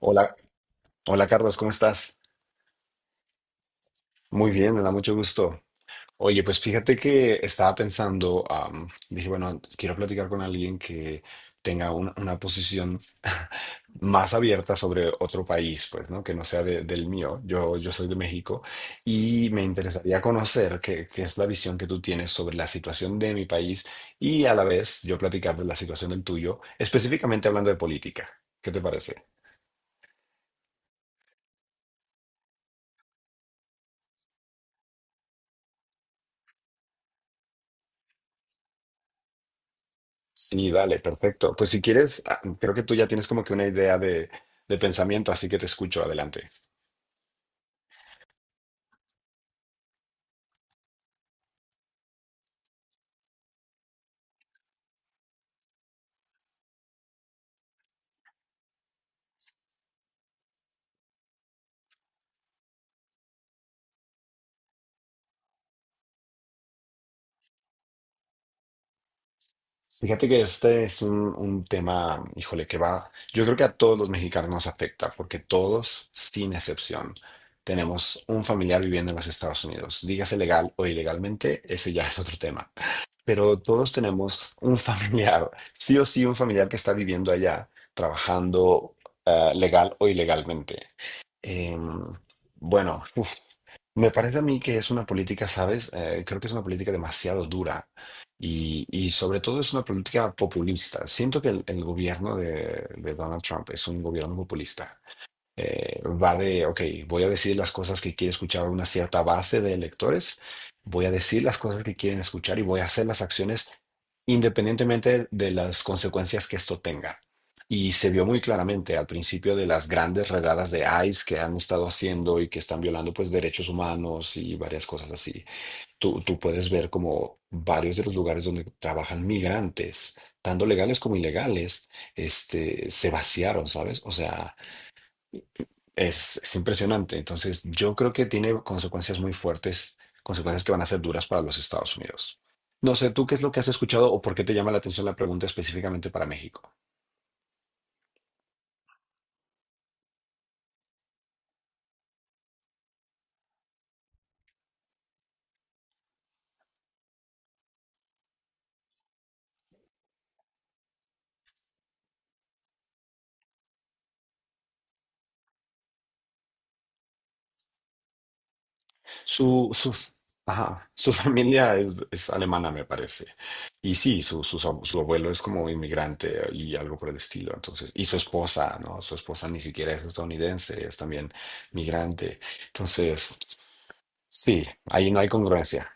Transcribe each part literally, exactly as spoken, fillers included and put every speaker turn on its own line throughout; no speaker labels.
Hola, hola Carlos, ¿cómo estás? Muy bien, me da mucho gusto. Oye, pues fíjate que estaba pensando, am, dije, bueno, quiero platicar con alguien que tenga una, una posición más abierta sobre otro país, pues, ¿no? Que no sea de- del mío. Yo, yo soy de México y me interesaría conocer qué, qué es la visión que tú tienes sobre la situación de mi país y a la vez yo platicar de la situación del tuyo, específicamente hablando de política. ¿Qué te parece? Sí, dale, perfecto. Pues si quieres, ah, creo que tú ya tienes como que una idea de, de pensamiento, así que te escucho, adelante. Fíjate que este es un, un tema, híjole, que va, yo creo que a todos los mexicanos nos afecta, porque todos, sin excepción, tenemos un familiar viviendo en los Estados Unidos, dígase legal o ilegalmente, ese ya es otro tema, pero todos tenemos un familiar, sí o sí, un familiar que está viviendo allá, trabajando, ah, legal o ilegalmente. Em, bueno, me parece a mí que es una política, ¿sabes? Eh, creo que es una política demasiado dura y, y sobre todo es una política populista. Siento que el, el gobierno de, de Donald Trump es un gobierno populista, eh, va de, ok, voy a decir las cosas que quiere escuchar una cierta base de electores, voy a decir las cosas que quieren escuchar y voy a hacer las acciones independientemente de las consecuencias que esto tenga. Y se vio muy claramente al principio de las grandes redadas de I C E que han estado haciendo y que están violando pues derechos humanos y varias cosas así. Tú, tú puedes ver como varios de los lugares donde trabajan migrantes, tanto legales como ilegales, este, se vaciaron, ¿sabes? O sea, es, es impresionante. Entonces, yo creo que tiene consecuencias muy fuertes, consecuencias que van a ser duras para los Estados Unidos. No sé, ¿tú qué es lo que has escuchado o por qué te llama la atención la pregunta específicamente para México? Su, su, ajá, su familia es, es alemana, me parece. Y sí, su, su, su su abuelo es como inmigrante, eh, y algo por el estilo. Entonces, y su esposa, ¿no? Su esposa ni siquiera es estadounidense, es también migrante. Entonces, sí, ahí no hay congruencia.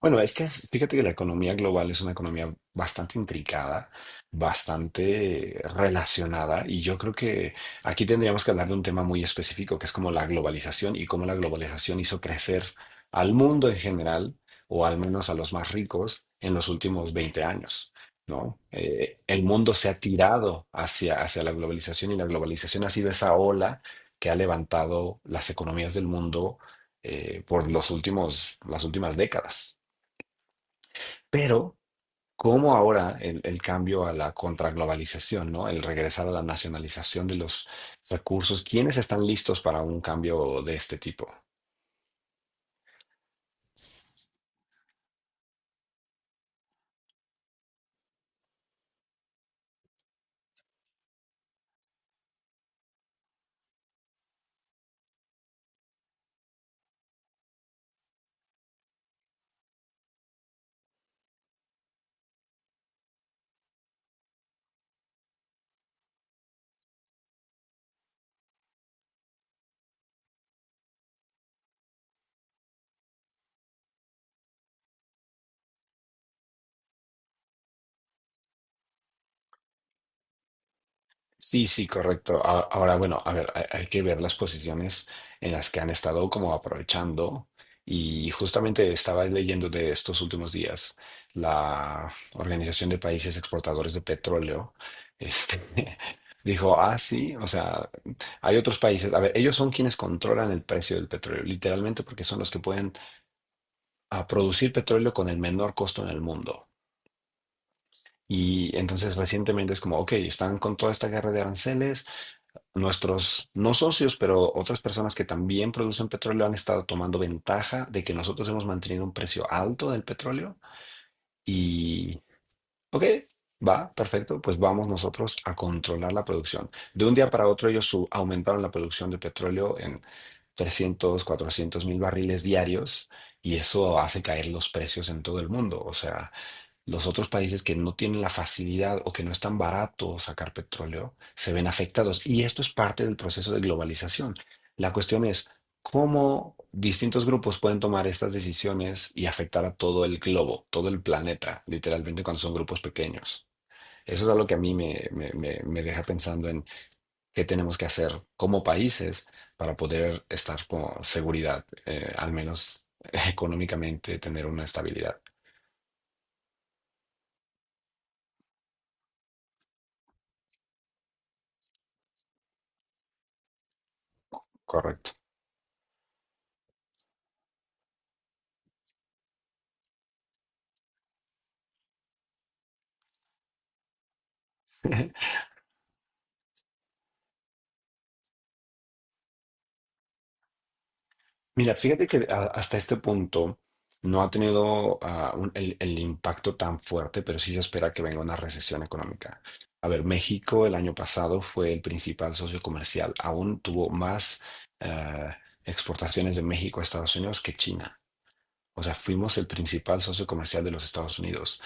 Bueno, es que es- fíjate que la economía global es una economía bastante intricada, bastante relacionada, y yo creo que aquí tendríamos que hablar de un tema muy específico, que es como la globalización y cómo la globalización hizo crecer al mundo en general, o al menos a los más ricos, en los últimos veinte años, ¿no? Eh, el mundo se ha tirado hacia, hacia la globalización y la globalización ha sido esa ola que ha levantado las economías del mundo, eh, por los últimos, las últimas décadas. Pero, como ahora el, el cambio a la contraglobalización, ¿no? El regresar a la nacionalización de los recursos, ¿quiénes están listos para un cambio de este tipo? Sí, sí, correcto. A- Ahora, bueno, a ver, hay, hay que ver las posiciones en las que han estado como aprovechando. Y justamente estaba leyendo de estos últimos días la Organización de Países Exportadores de Petróleo, este, dijo, ah, sí, o sea, hay otros países, a ver, ellos son quienes controlan el precio del petróleo, literalmente porque son los que pueden, ah, producir petróleo con el menor costo en el mundo. Y entonces recientemente es como, ok, están con toda esta guerra de aranceles. Nuestros, no socios, pero otras personas que también producen petróleo han estado tomando ventaja de que nosotros hemos mantenido un precio alto del petróleo y, ok, va, perfecto, pues vamos nosotros a controlar la producción. De un día para otro ellos su- aumentaron la producción de petróleo en trescientos cuatrocientos mil barriles diarios y eso hace caer los precios en todo el mundo. O sea, los otros países que no tienen la facilidad o que no es tan barato sacar petróleo se ven afectados. Y esto es parte del proceso de globalización. La cuestión es cómo distintos grupos pueden tomar estas decisiones y afectar a todo el globo, todo el planeta, literalmente cuando son grupos pequeños. Eso es algo que a mí me, me- me- me deja pensando en qué tenemos que hacer como países para poder estar con seguridad, eh, al menos económicamente, tener una estabilidad. Correcto. Mira, fíjate que a- hasta este punto no ha tenido, ah, un- el, el impacto tan fuerte, pero sí se espera que venga una recesión económica. A ver, México el año pasado fue el principal socio comercial. Aún tuvo más, ah, exportaciones de México a Estados Unidos que China. O sea, fuimos el principal socio comercial de los Estados Unidos.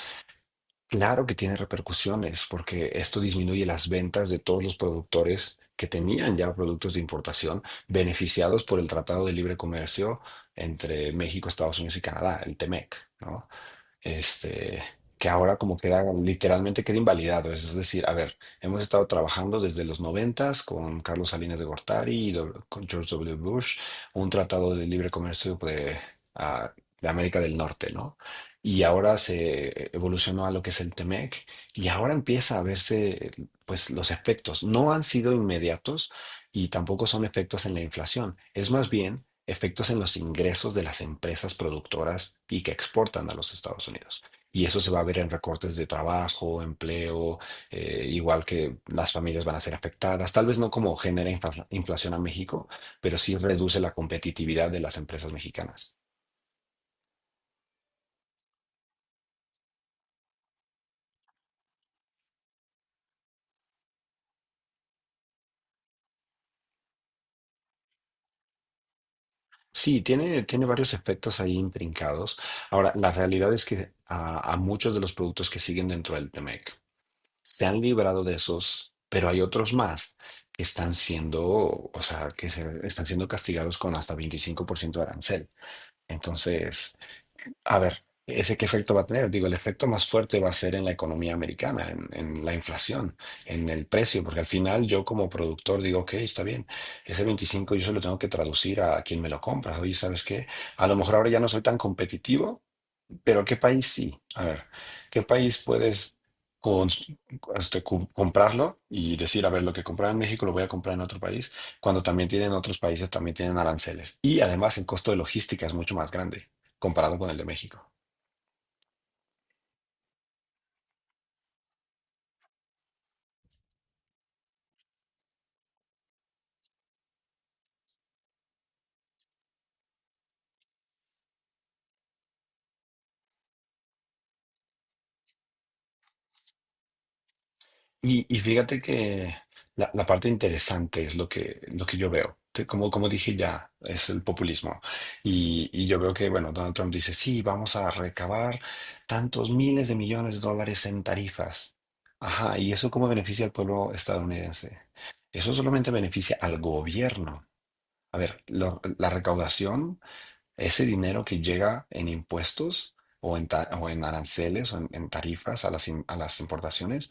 Claro que tiene repercusiones, porque esto disminuye las ventas de todos los productores que tenían ya productos de importación beneficiados por el Tratado de Libre Comercio entre México, Estados Unidos y Canadá, el T M E C, ¿no? este, que ahora como que era literalmente queda invalidado. Es decir, a ver, hemos estado trabajando desde los noventas con Carlos Salinas de Gortari y do- con George W. Bush, un tratado de libre comercio de, ah, de América del Norte, ¿no? Y ahora se evolucionó a lo que es el Temec y ahora empieza a verse, eh, pues los efectos. No han sido inmediatos y tampoco son efectos en la inflación. Es más bien efectos en los ingresos de las empresas productoras y que exportan a los Estados Unidos. Y eso se va a ver en recortes de trabajo, empleo, eh, igual que las familias van a ser afectadas, tal vez no como genera infla- inflación a México, pero sí reduce la competitividad de las empresas mexicanas. Sí, tiene, tiene varios efectos ahí intrincados. Ahora, la realidad es que a, a muchos de los productos que siguen dentro del t M E C se han librado de esos, pero hay otros más que están siendo, o sea, que se, están siendo castigados con hasta veinticinco por ciento de arancel. Entonces, a ver, ¿ese qué efecto va a tener? Digo, el efecto más fuerte va a ser en la economía americana, en, en la inflación, en el precio, porque al final yo como productor digo, ok, está bien, ese veinticinco yo se lo tengo que traducir a quien me lo compra. Oye, ¿sabes qué? A lo mejor ahora ya no soy tan competitivo, pero ¿qué país sí? A ver, ¿qué país puedes cons- este, cum- comprarlo y decir, a ver, lo que compraba en México lo voy a comprar en otro país, cuando también tienen otros países, también tienen aranceles? Y además el costo de logística es mucho más grande comparado con el de México. Y, y fíjate que la, la parte interesante es lo que, lo que yo veo. Te- Como, como dije ya, es el populismo. Y, y yo veo que, bueno, Donald Trump dice, sí, vamos a recabar tantos miles de millones de dólares en tarifas. Ajá, ¿y eso cómo beneficia al pueblo estadounidense? Eso solamente beneficia al gobierno. A ver, lo- la recaudación, ese dinero que llega en impuestos o en, ta- o en aranceles o en, en tarifas a las, im- a las importaciones,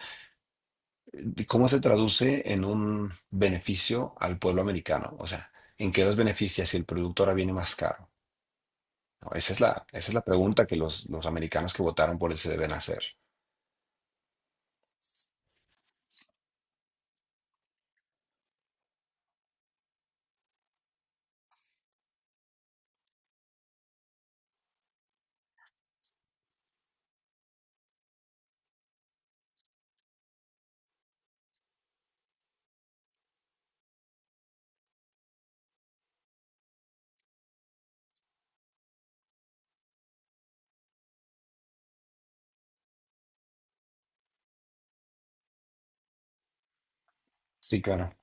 ¿cómo se traduce en un beneficio al pueblo americano? O sea, ¿en qué los beneficia si el producto ahora viene más caro? No, esa es la, esa es la pregunta que los, los americanos que votaron por él se deben hacer. Sí, claro.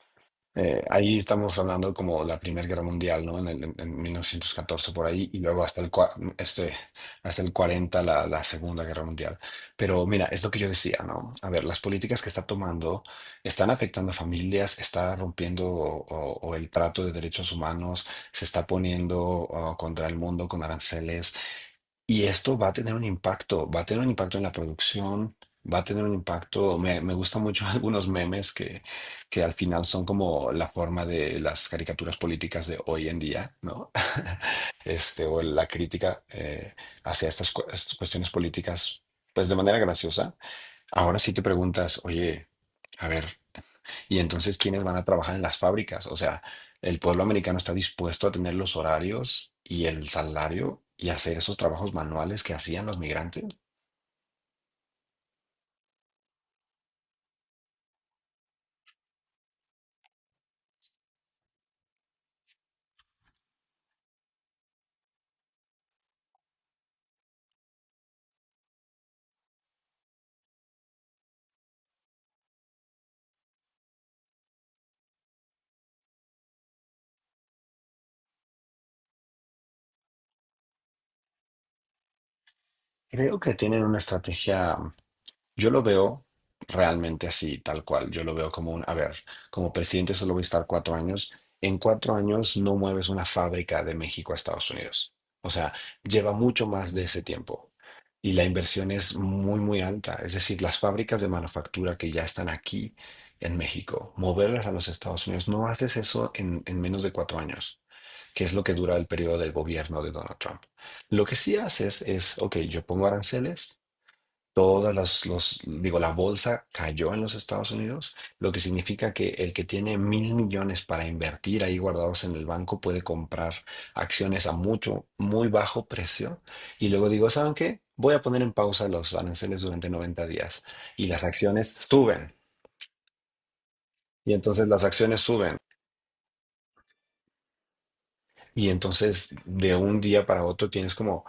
Eh, ahí estamos hablando como la Primera Guerra Mundial, ¿no? En, el- en- en mil novecientos catorce por ahí y luego hasta el, cua- este, hasta el cuarenta la, la Segunda Guerra Mundial. Pero mira, es lo que yo decía, ¿no? A ver, las políticas que está tomando están afectando a familias, está rompiendo o, o- o el trato de derechos humanos, se está poniendo, oh, contra el mundo con aranceles. Y esto va a tener un impacto, va a tener un impacto en la producción, va a tener un impacto, me, me gustan mucho algunos memes que, que al final son como la forma de las caricaturas políticas de hoy en día, ¿no? Este, o la crítica, eh, hacia estas, cu- estas cuestiones políticas, pues de manera graciosa. Ahora sí te preguntas, oye, a ver. Y entonces, ¿quiénes van a trabajar en las fábricas? O sea, el pueblo americano está dispuesto a tener los horarios y el salario y hacer esos trabajos manuales que hacían los migrantes. Creo que tienen una estrategia. Yo lo veo realmente así, tal cual. Yo lo veo como un, a ver, como presidente solo voy a estar cuatro años. En cuatro años no mueves una fábrica de México a Estados Unidos. O sea, lleva mucho más de ese tiempo. Y la inversión es muy, muy alta. Es decir, las fábricas de manufactura que ya están aquí en México, moverlas a los Estados Unidos, no haces eso en, en menos de cuatro años, que es lo que dura el periodo del gobierno de Donald Trump. Lo que sí haces es, ok, yo pongo aranceles. Todas las, los, digo, la bolsa cayó en los Estados Unidos, lo que significa que el que tiene mil millones para invertir ahí guardados en el banco puede comprar acciones a mucho, muy bajo precio. Y luego digo, ¿saben qué? Voy a poner en pausa los aranceles durante noventa días y las acciones suben. Y entonces las acciones suben. Y entonces de un día para otro tienes como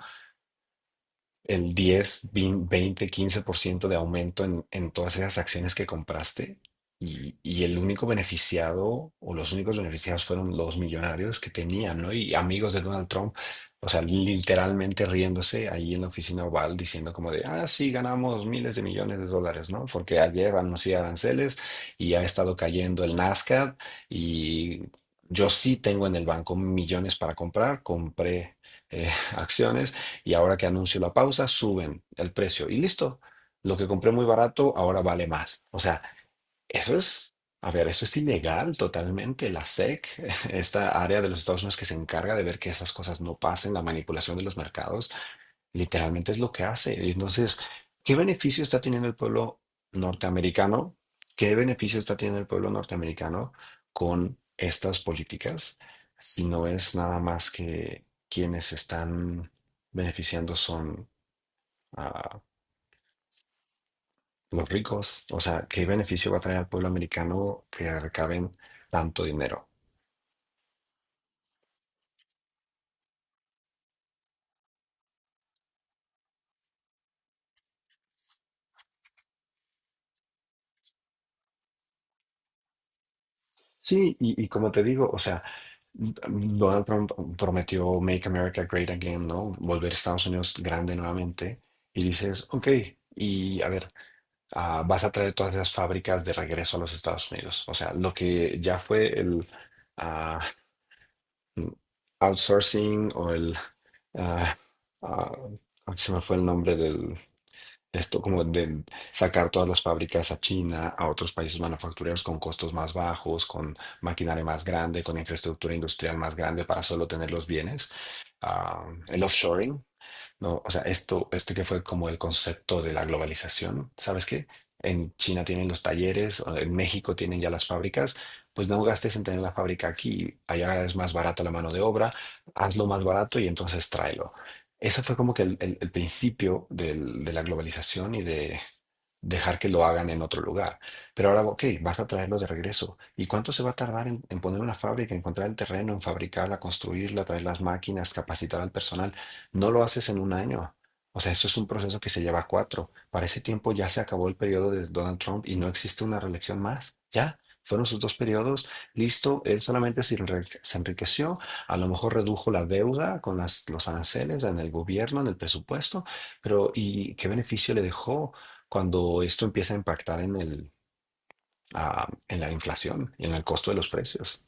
el diez veinte quince por ciento de aumento en, en todas esas acciones que compraste y, y el único beneficiado o los únicos beneficiados fueron los millonarios que tenían, ¿no? Y amigos de Donald Trump, o sea, literalmente riéndose ahí en la oficina Oval diciendo como de, ah, sí, ganamos miles de millones de dólares, ¿no? Porque ayer anuncié aranceles y ha estado cayendo el Nasdaq y yo sí tengo en el banco millones para comprar, compré eh, acciones y ahora que anuncio la pausa, suben el precio y listo. Lo que compré muy barato ahora vale más. O sea, eso es, a ver, eso es ilegal totalmente. La S E C, esta área de los Estados Unidos que se encarga de ver que esas cosas no pasen, la manipulación de los mercados, literalmente es lo que hace. Entonces, ¿qué beneficio está teniendo el pueblo norteamericano? ¿Qué beneficio está teniendo el pueblo norteamericano con estas políticas? Si no es nada más que quienes están beneficiando son ah, los ricos. O sea, ¿qué beneficio va a traer al pueblo americano que recaben tanto dinero? Sí, y, y como te digo, o sea, Donald Trump prometió Make America Great Again, ¿no? Volver a Estados Unidos grande nuevamente. Y dices, ok, y a ver, ah, vas a traer todas esas fábricas de regreso a los Estados Unidos. O sea, lo que ya fue el ah, outsourcing o el... ah, ah, se me fue el nombre del... Esto como de sacar todas las fábricas a China, a otros países manufactureros con costos más bajos, con maquinaria más grande, con infraestructura industrial más grande para solo tener los bienes. Ah, el offshoring, no, o sea, esto, esto que fue como el concepto de la globalización, ¿sabes qué? En China tienen los talleres, o en México tienen ya las fábricas, pues no gastes en tener la fábrica aquí, allá es más barato la mano de obra, hazlo más barato y entonces tráelo. Eso fue como que el, el- el principio del- de la globalización y de dejar que lo hagan en otro lugar. Pero ahora, ok, vas a traerlo de regreso. ¿Y cuánto se va a tardar en, en poner una fábrica, encontrar el terreno, en fabricarla, construirla, traer las máquinas, capacitar al personal? No lo haces en un año. O sea, eso es un proceso que se lleva cuatro. Para ese tiempo ya se acabó el periodo de Donald Trump y no existe una reelección más. Ya, fueron sus dos periodos. Listo, él solamente se enrique- se enriqueció. A lo mejor redujo la deuda con las- los aranceles en el gobierno, en el presupuesto. Pero, ¿y qué beneficio le dejó cuando esto empieza a impactar en el, ah, en la inflación y en el costo de los precios?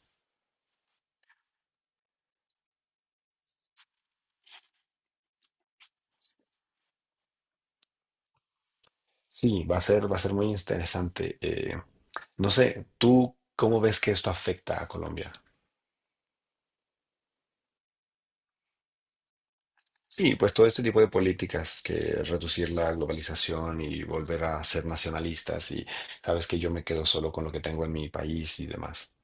Sí, va a ser, va a ser muy interesante. eh, No sé, ¿tú cómo ves que esto afecta a Colombia? Sí, pues todo este tipo de políticas que reducir la globalización y volver a ser nacionalistas y sabes que yo me quedo solo con lo que tengo en mi país y demás.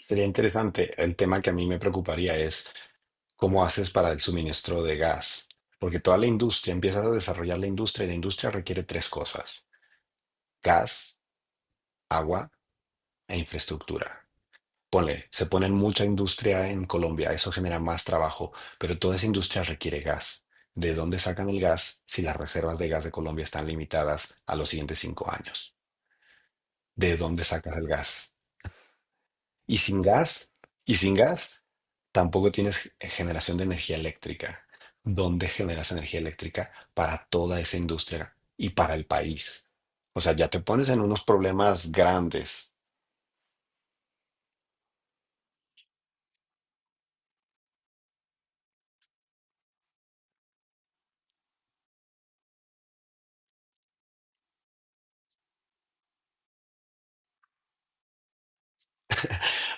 Sería interesante. El tema que a mí me preocuparía es cómo haces para el suministro de gas, porque toda la industria, empiezas a desarrollar la industria y la industria requiere tres cosas, gas, agua e infraestructura. Ponle, se pone mucha industria en Colombia, eso genera más trabajo, pero toda esa industria requiere gas. ¿De dónde sacan el gas si las reservas de gas de Colombia están limitadas a los siguientes cinco años? ¿De dónde sacas el gas? Y sin gas, y sin gas, tampoco tienes generación de energía eléctrica. ¿Dónde generas energía eléctrica para toda esa industria y para el país? O sea, ya te pones en unos problemas grandes.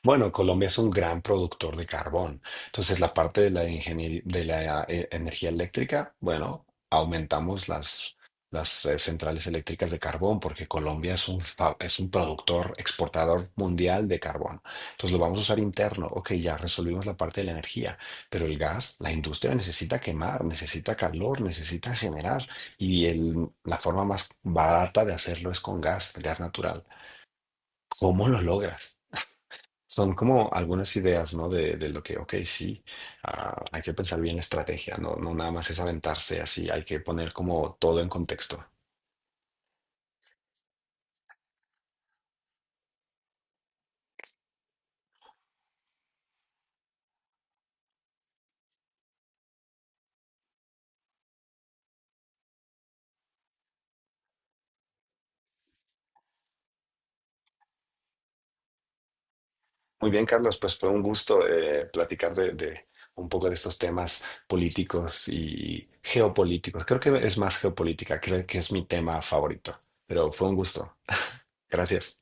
Bueno, Colombia es un gran productor de carbón. Entonces, la parte de la ingeniería de la eh, energía eléctrica, bueno, aumentamos las, las eh, centrales eléctricas de carbón porque Colombia es un, fa- es un productor exportador mundial de carbón. Entonces, lo vamos a usar interno. Ok, ya resolvimos la parte de la energía, pero el gas, la industria necesita quemar, necesita calor, necesita generar. Y el- la forma más barata de hacerlo es con gas, gas natural. ¿Cómo lo logras? Son como algunas ideas, ¿no? De, de lo que, ok, sí, ah, hay que pensar bien la estrategia, no, no nada más es aventarse así, hay que poner como todo en contexto. Muy bien, Carlos, pues fue un gusto eh, platicar de, de un poco de estos temas políticos y geopolíticos. Creo que es más geopolítica, creo que es mi tema favorito, pero fue un gusto. Gracias.